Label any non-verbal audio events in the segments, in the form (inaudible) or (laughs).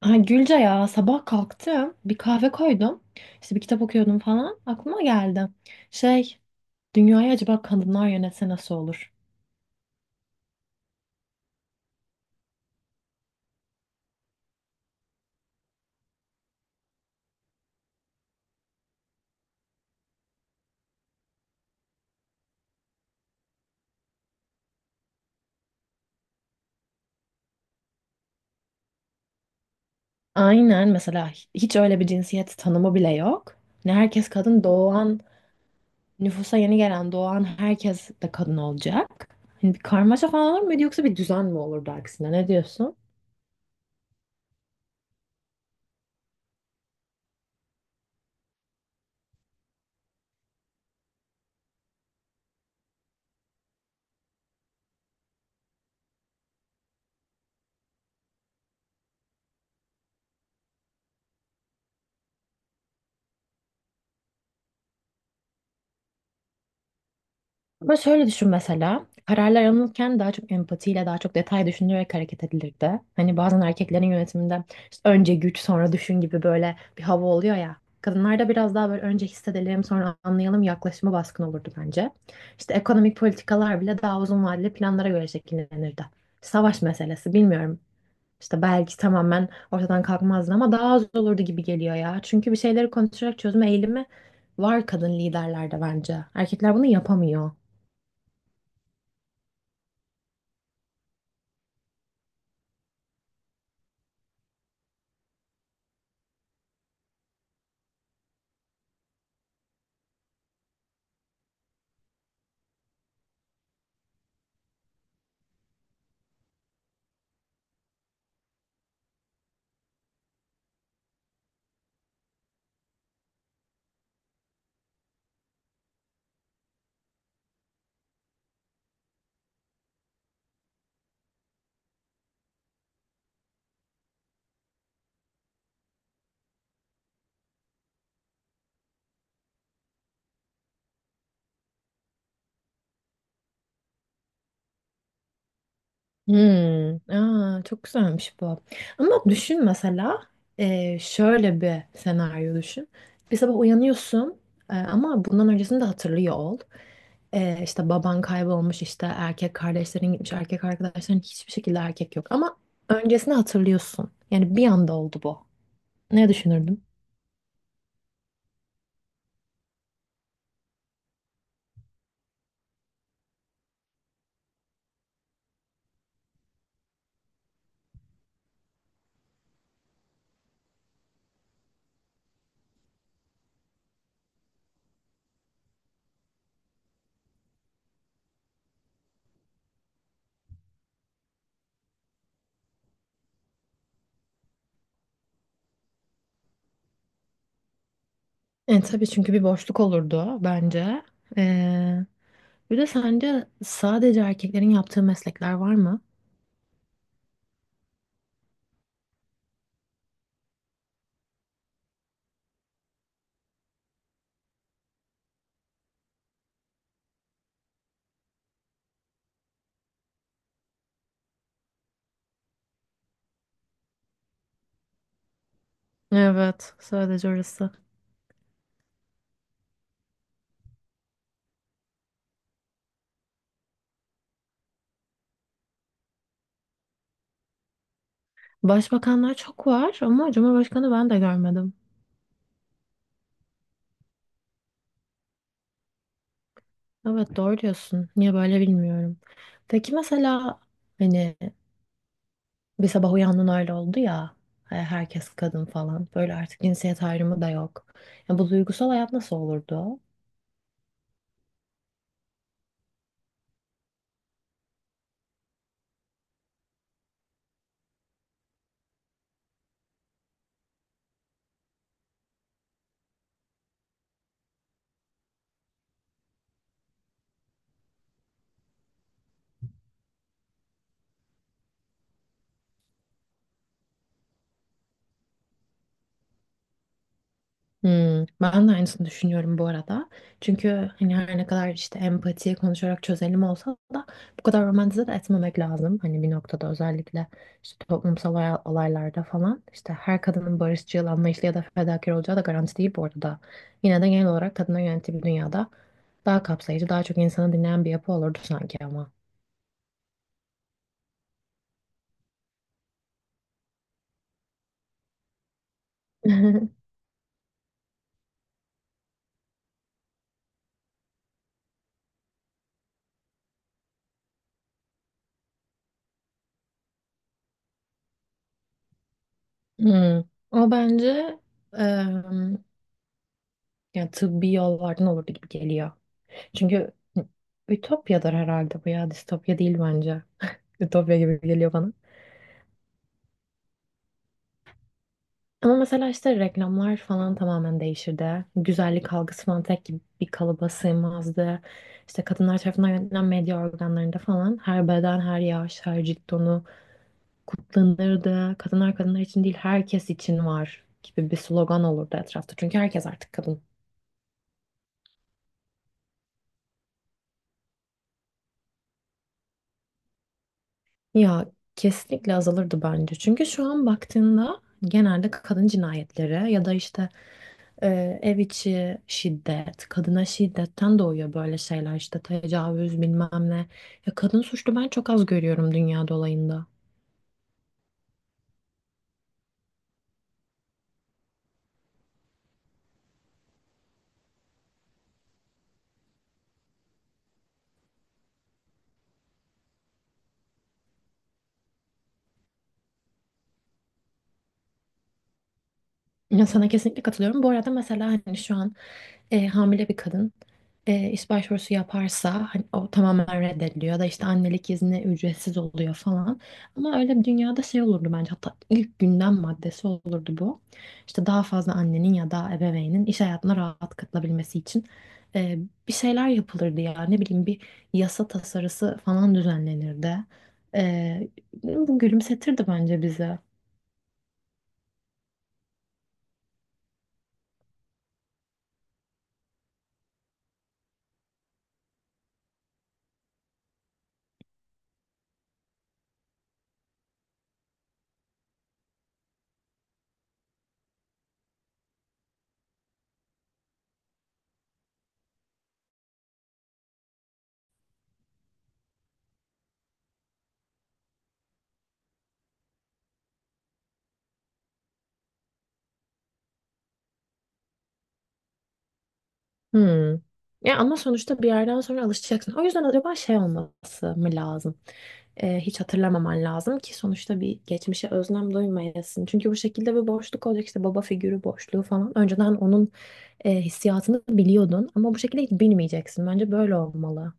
Ha, Gülce ya sabah kalktım bir kahve koydum işte bir kitap okuyordum falan aklıma geldi şey dünyayı acaba kadınlar yönetse nasıl olur? Aynen mesela hiç öyle bir cinsiyet tanımı bile yok ne herkes kadın doğan nüfusa yeni gelen doğan herkes de kadın olacak hani bir karmaşa falan olur muydu yoksa bir düzen mi olurdu aksine ne diyorsun? Ama şöyle düşün mesela. Kararlar alınırken daha çok empatiyle, daha çok detay düşünülerek hareket edilirdi. Hani bazen erkeklerin yönetiminde işte önce güç sonra düşün gibi böyle bir hava oluyor ya. Kadınlarda biraz daha böyle önce hissedelim sonra anlayalım yaklaşımı baskın olurdu bence. İşte ekonomik politikalar bile daha uzun vadeli planlara göre şekillenirdi. Savaş meselesi bilmiyorum. İşte belki tamamen ortadan kalkmazdı ama daha az olurdu gibi geliyor ya. Çünkü bir şeyleri konuşarak çözüm eğilimi var kadın liderlerde bence. Erkekler bunu yapamıyor. Hmm, aa, çok güzelmiş bu. Ama düşün mesela şöyle bir senaryo düşün. Bir sabah uyanıyorsun ama bundan öncesini de hatırlıyor ol. İşte baban kaybolmuş işte erkek kardeşlerin gitmiş erkek arkadaşların hiçbir şekilde erkek yok. Ama öncesini hatırlıyorsun. Yani bir anda oldu bu. Ne düşünürdün? Tabii çünkü bir boşluk olurdu bence. E, Bir de sence sadece erkeklerin yaptığı meslekler var mı? Evet, sadece orası. Başbakanlar çok var ama Cumhurbaşkanı ben de görmedim. Evet, doğru diyorsun. Niye böyle bilmiyorum. Peki mesela hani bir sabah uyandın öyle oldu ya, herkes kadın falan böyle artık cinsiyet ayrımı da yok. Ya bu duygusal hayat nasıl olurdu? Hmm, ben de aynısını düşünüyorum bu arada. Çünkü hani her ne kadar işte empatiye konuşarak çözelim olsa da bu kadar romantize de etmemek lazım. Hani bir noktada özellikle işte toplumsal olaylarda falan işte her kadının barışçıl, anlayışlı ya da fedakar olacağı da garanti değil bu arada. Yine de genel olarak kadına yönetim bir dünyada daha kapsayıcı, daha çok insanı dinleyen bir yapı olurdu sanki ama. (laughs) Hmm. O bence em, yani tıbbi yollardan olurdu gibi geliyor. Çünkü ütopyadır herhalde bu ya. Distopya değil bence. (laughs) Ütopya gibi geliyor bana. Ama mesela işte reklamlar falan tamamen değişirdi. Güzellik algısı falan tek gibi bir kalıba sığmazdı. İşte kadınlar tarafından yönetilen medya organlarında falan her beden, her yaş, her cilt tonu kutlanırdı. Kadınlar kadınlar için değil herkes için var gibi bir slogan olurdu etrafta. Çünkü herkes artık kadın. Ya kesinlikle azalırdı bence. Çünkü şu an baktığında genelde kadın cinayetleri ya da işte ev içi şiddet, kadına şiddetten doğuyor böyle şeyler işte tecavüz bilmem ne. Ya kadın suçlu ben çok az görüyorum dünya dolayında. Ya sana kesinlikle katılıyorum. Bu arada mesela hani şu an hamile bir kadın iş başvurusu yaparsa hani o tamamen reddediliyor da işte annelik izni ücretsiz oluyor falan. Ama öyle bir dünyada şey olurdu bence, hatta ilk gündem maddesi olurdu bu. İşte daha fazla annenin ya da ebeveynin iş hayatına rahat katılabilmesi için e, bir şeyler yapılırdı ya ne bileyim bir yasa tasarısı falan düzenlenirdi. E, Bu gülümsetirdi bence bizi. Hmm. Ya ama sonuçta bir yerden sonra alışacaksın. O yüzden acaba şey olması mı lazım? Hiç hatırlamaman lazım ki sonuçta bir geçmişe özlem duymayasın. Çünkü bu şekilde bir boşluk olacak işte baba figürü boşluğu falan. Önceden onun hissiyatını biliyordun ama bu şekilde hiç bilmeyeceksin. Bence böyle olmalı.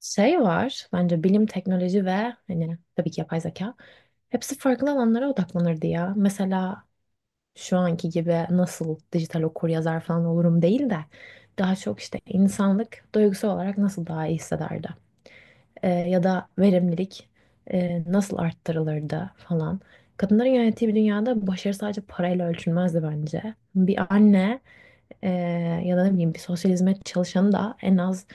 Şey var bence bilim, teknoloji ve hani tabii ki yapay zeka. Hepsi farklı alanlara odaklanırdı ya. Mesela şu anki gibi nasıl dijital okuryazar falan olurum değil de daha çok işte insanlık duygusal olarak nasıl daha iyi hissederdi. Ya da verimlilik nasıl arttırılırdı falan. Kadınların yönettiği bir dünyada başarı sadece parayla ölçülmezdi bence. Bir anne ee, ya da ne bileyim bir sosyal hizmet çalışanı da en az,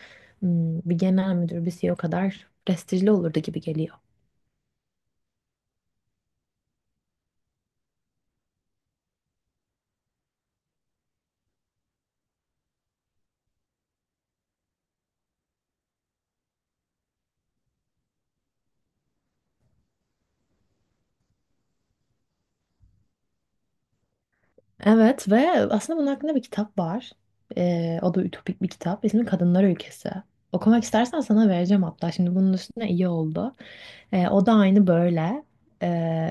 hmm, bir genel müdür, bir CEO kadar prestijli olurdu gibi geliyor. Evet ve aslında bunun hakkında bir kitap var. O da ütopik bir kitap. İsmi Kadınlar Ülkesi. Okumak istersen sana vereceğim hatta. Şimdi bunun üstüne iyi oldu. O da aynı böyle. E,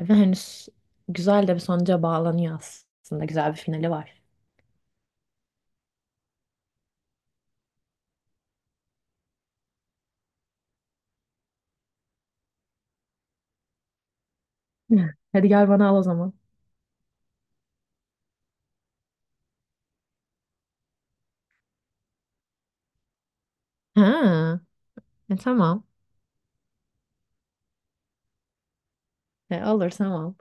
Ve hani güzel de bir sonuca bağlanıyor aslında. Güzel bir finali var. (laughs) Hadi gel bana al o zaman. Ha, tamam. Olur tamam.